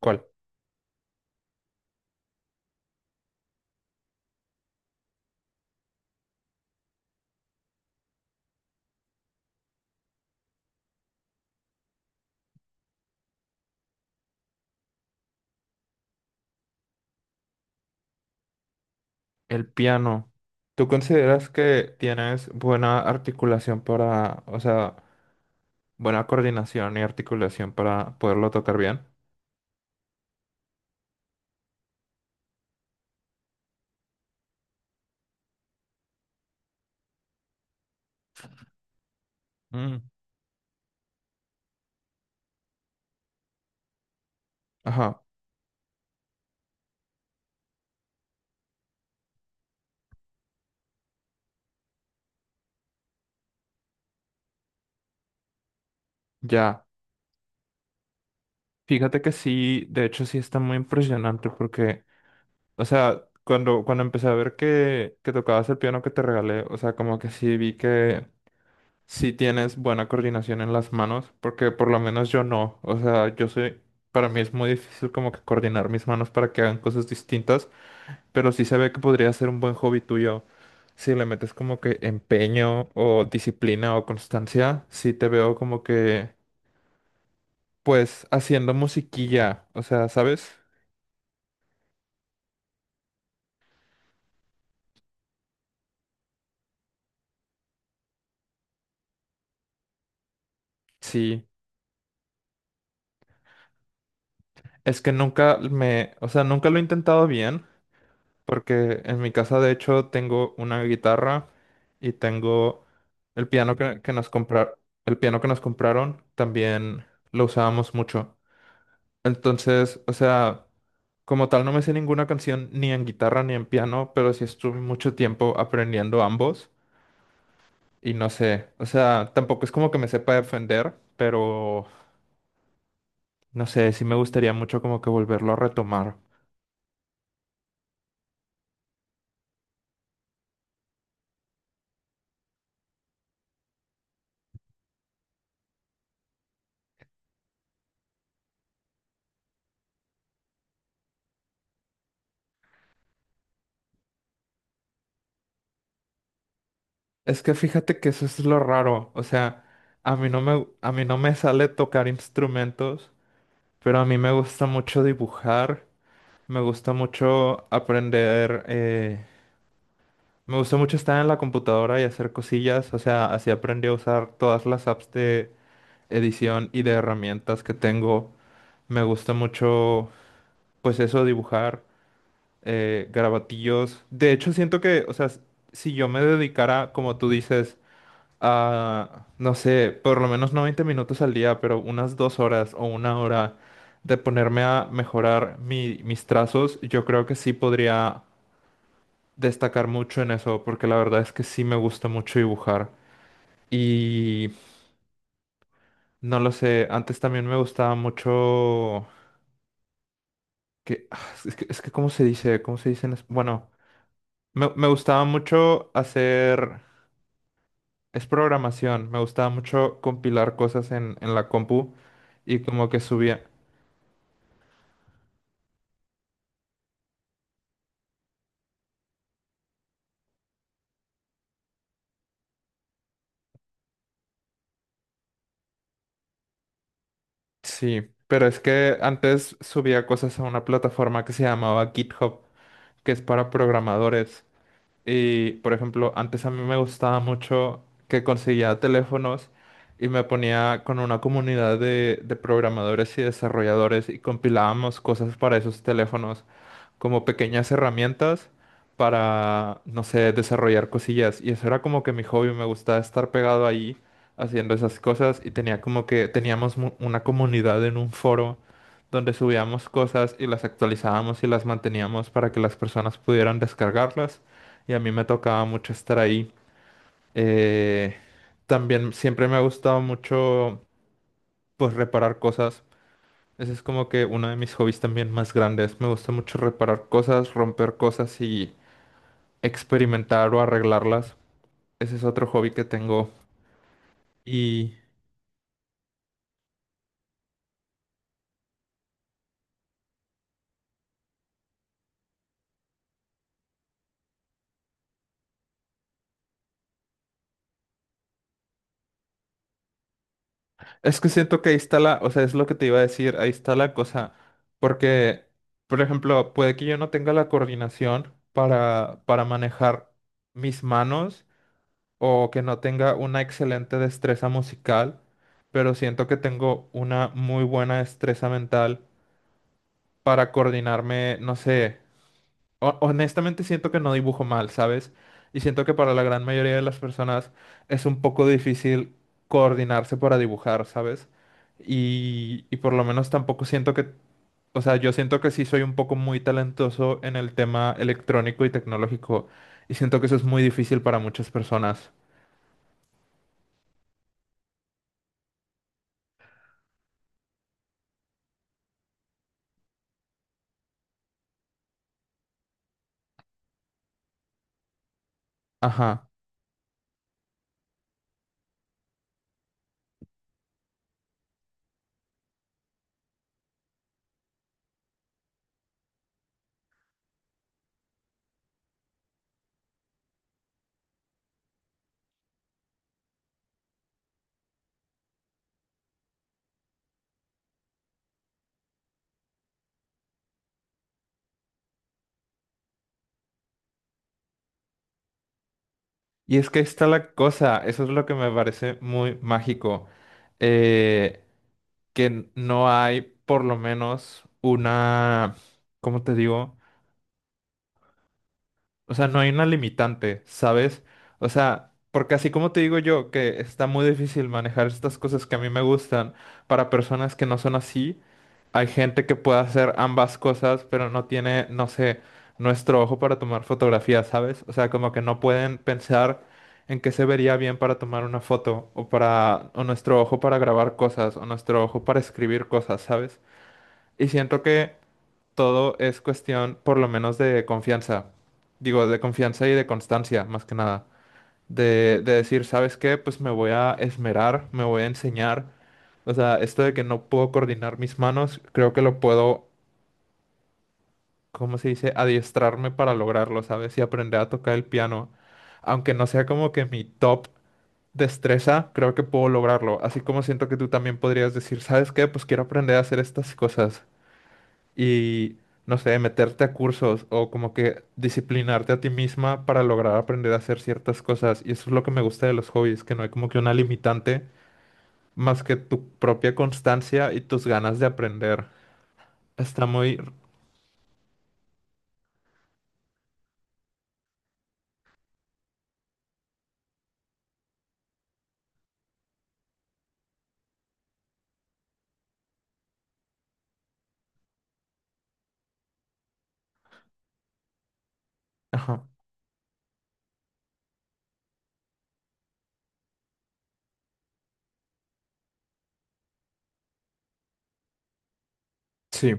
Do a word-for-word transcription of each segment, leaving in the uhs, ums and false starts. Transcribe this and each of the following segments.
¿Cuál? El piano. ¿Tú consideras que tienes buena articulación para, o sea, buena coordinación y articulación para poderlo tocar bien? Mm, Ajá, ya. Fíjate que sí, de hecho sí está muy impresionante porque, o sea, cuando, cuando empecé a ver que, que tocabas el piano que te regalé, o sea, como que sí vi que sí tienes buena coordinación en las manos, porque por lo menos yo no, o sea, yo soy, para mí es muy difícil como que coordinar mis manos para que hagan cosas distintas. Pero sí se ve que podría ser un buen hobby tuyo. Si le metes como que empeño o disciplina o constancia, sí te veo como que, pues, haciendo musiquilla. O sea, ¿sabes? Sí. Es que nunca me, o sea, nunca lo he intentado bien, porque en mi casa de hecho tengo una guitarra y tengo el piano que, que nos comprar, el piano que nos compraron, también lo usábamos mucho. Entonces, o sea, como tal no me sé ninguna canción ni en guitarra ni en piano, pero sí estuve mucho tiempo aprendiendo ambos y no sé, o sea, tampoco es como que me sepa defender, pero no sé, sí me gustaría mucho como que volverlo a retomar. Es que fíjate que eso es lo raro, o sea, a mí no me, a mí no me sale tocar instrumentos, pero a mí me gusta mucho dibujar, me gusta mucho aprender, eh, me gustó mucho estar en la computadora y hacer cosillas, o sea, así aprendí a usar todas las apps de edición y de herramientas que tengo. Me gusta mucho, pues eso, dibujar, eh, garabatillos. De hecho, siento que, o sea, s- si yo me dedicara, como tú dices, a, no sé, por lo menos no veinte minutos al día, pero unas dos horas o una hora de ponerme a mejorar mi- mis trazos, yo creo que sí podría destacar mucho en eso, porque la verdad es que sí me gusta mucho dibujar. Y no lo sé, antes también me gustaba mucho que ah, es que, es que ¿cómo se dice? ¿Cómo se dice? en es- Bueno, me, me gustaba mucho hacer es programación, me gustaba mucho compilar cosas en en la compu y como que subía. Sí, pero es que antes subía cosas a una plataforma que se llamaba GitHub, que es para programadores. Y, por ejemplo, antes a mí me gustaba mucho que conseguía teléfonos y me ponía con una comunidad de, de programadores y desarrolladores y compilábamos cosas para esos teléfonos como pequeñas herramientas para, no sé, desarrollar cosillas. Y eso era como que mi hobby, me gustaba estar pegado ahí haciendo esas cosas y tenía como que teníamos mu- una comunidad en un foro donde subíamos cosas y las actualizábamos y las manteníamos para que las personas pudieran descargarlas. Y a mí me tocaba mucho estar ahí. Eh, también siempre me ha gustado mucho, pues, reparar cosas. Ese es como que uno de mis hobbies también más grandes. Me gusta mucho reparar cosas, romper cosas y experimentar o arreglarlas. Ese es otro hobby que tengo. Y es que siento que ahí está la, o sea, es lo que te iba a decir, ahí está la cosa. Porque, por ejemplo, puede que yo no tenga la coordinación para, para manejar mis manos o que no tenga una excelente destreza musical, pero siento que tengo una muy buena destreza mental para coordinarme, no sé. Ho- honestamente siento que no dibujo mal, ¿sabes? Y siento que para la gran mayoría de las personas es un poco difícil coordinarse para dibujar, ¿sabes? Y, y por lo menos tampoco siento que, o sea, yo siento que sí soy un poco muy talentoso en el tema electrónico y tecnológico. Y siento que eso es muy difícil para muchas personas. Ajá. Y es que ahí está la cosa, eso es lo que me parece muy mágico, eh, que no hay por lo menos una, ¿cómo te digo? O sea, no hay una limitante, ¿sabes? O sea, porque así como te digo yo, que está muy difícil manejar estas cosas que a mí me gustan para personas que no son así, hay gente que puede hacer ambas cosas, pero no tiene, no sé, nuestro ojo para tomar fotografías, ¿sabes? O sea, como que no pueden pensar en qué se vería bien para tomar una foto, o para, o nuestro ojo para grabar cosas, o nuestro ojo para escribir cosas, ¿sabes? Y siento que todo es cuestión, por lo menos, de confianza. Digo, de confianza y de constancia, más que nada. De, de decir, ¿sabes qué? Pues me voy a esmerar, me voy a enseñar. O sea, esto de que no puedo coordinar mis manos, creo que lo puedo, ¿cómo se dice? Adiestrarme para lograrlo, ¿sabes? Y aprender a tocar el piano. Aunque no sea como que mi top destreza, creo que puedo lograrlo. Así como siento que tú también podrías decir, ¿sabes qué? Pues quiero aprender a hacer estas cosas y, no sé, meterte a cursos o como que disciplinarte a ti misma para lograr aprender a hacer ciertas cosas. Y eso es lo que me gusta de los hobbies, que no hay como que una limitante más que tu propia constancia y tus ganas de aprender. Está muy... Ajá. Sí,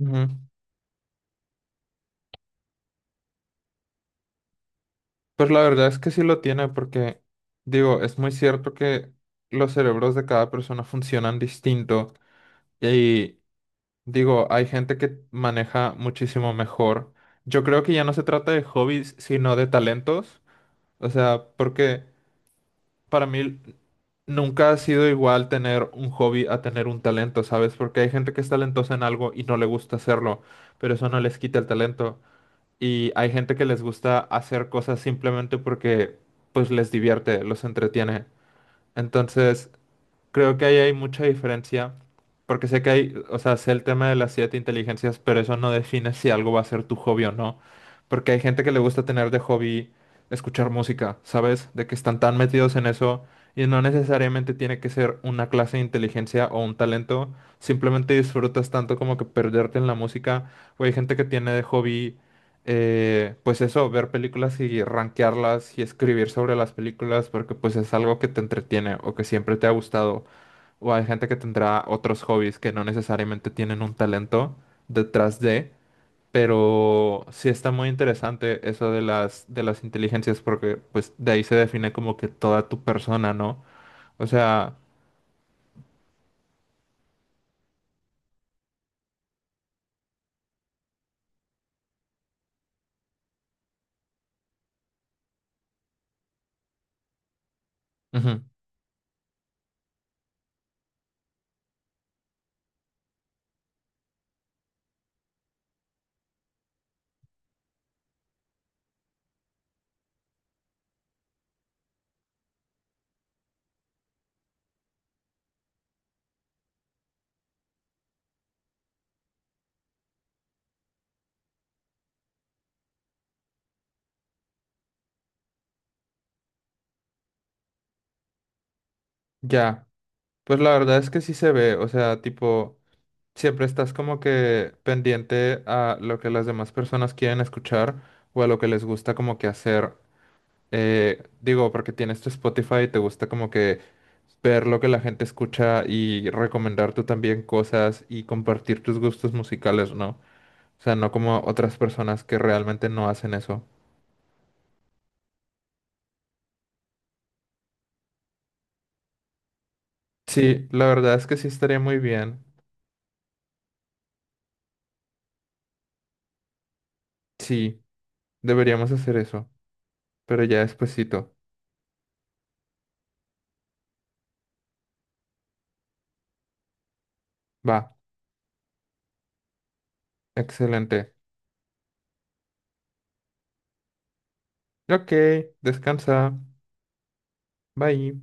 ujú. Pues la verdad es que sí lo tiene porque, digo, es muy cierto que los cerebros de cada persona funcionan distinto y digo, hay gente que maneja muchísimo mejor. Yo creo que ya no se trata de hobbies, sino de talentos. O sea, porque para mí nunca ha sido igual tener un hobby a tener un talento, ¿sabes? Porque hay gente que es talentosa en algo y no le gusta hacerlo, pero eso no les quita el talento. Y hay gente que les gusta hacer cosas simplemente porque pues les divierte, los entretiene. Entonces, creo que ahí hay mucha diferencia, porque sé que hay, o sea, sé el tema de las siete inteligencias, pero eso no define si algo va a ser tu hobby o no, porque hay gente que le gusta tener de hobby escuchar música, ¿sabes? De que están tan metidos en eso y no necesariamente tiene que ser una clase de inteligencia o un talento, simplemente disfrutas tanto como que perderte en la música, o hay gente que tiene de hobby, eh, pues eso, ver películas y rankearlas y escribir sobre las películas, porque pues es algo que te entretiene o que siempre te ha gustado. O hay gente que tendrá otros hobbies que no necesariamente tienen un talento detrás de, pero sí está muy interesante eso de las, de las inteligencias, porque pues de ahí se define como que toda tu persona, ¿no? O sea, ujú, ya. Pues la verdad es que sí se ve, o sea, tipo, siempre estás como que pendiente a lo que las demás personas quieren escuchar o a lo que les gusta como que hacer. Eh, digo, porque tienes tu Spotify y te gusta como que ver lo que la gente escucha y recomendar tú también cosas y compartir tus gustos musicales, ¿no? O sea, no como otras personas que realmente no hacen eso. Sí, la verdad es que sí estaría muy bien. Sí, deberíamos hacer eso, pero ya despuesito. Va, excelente. Ok, descansa. Bye.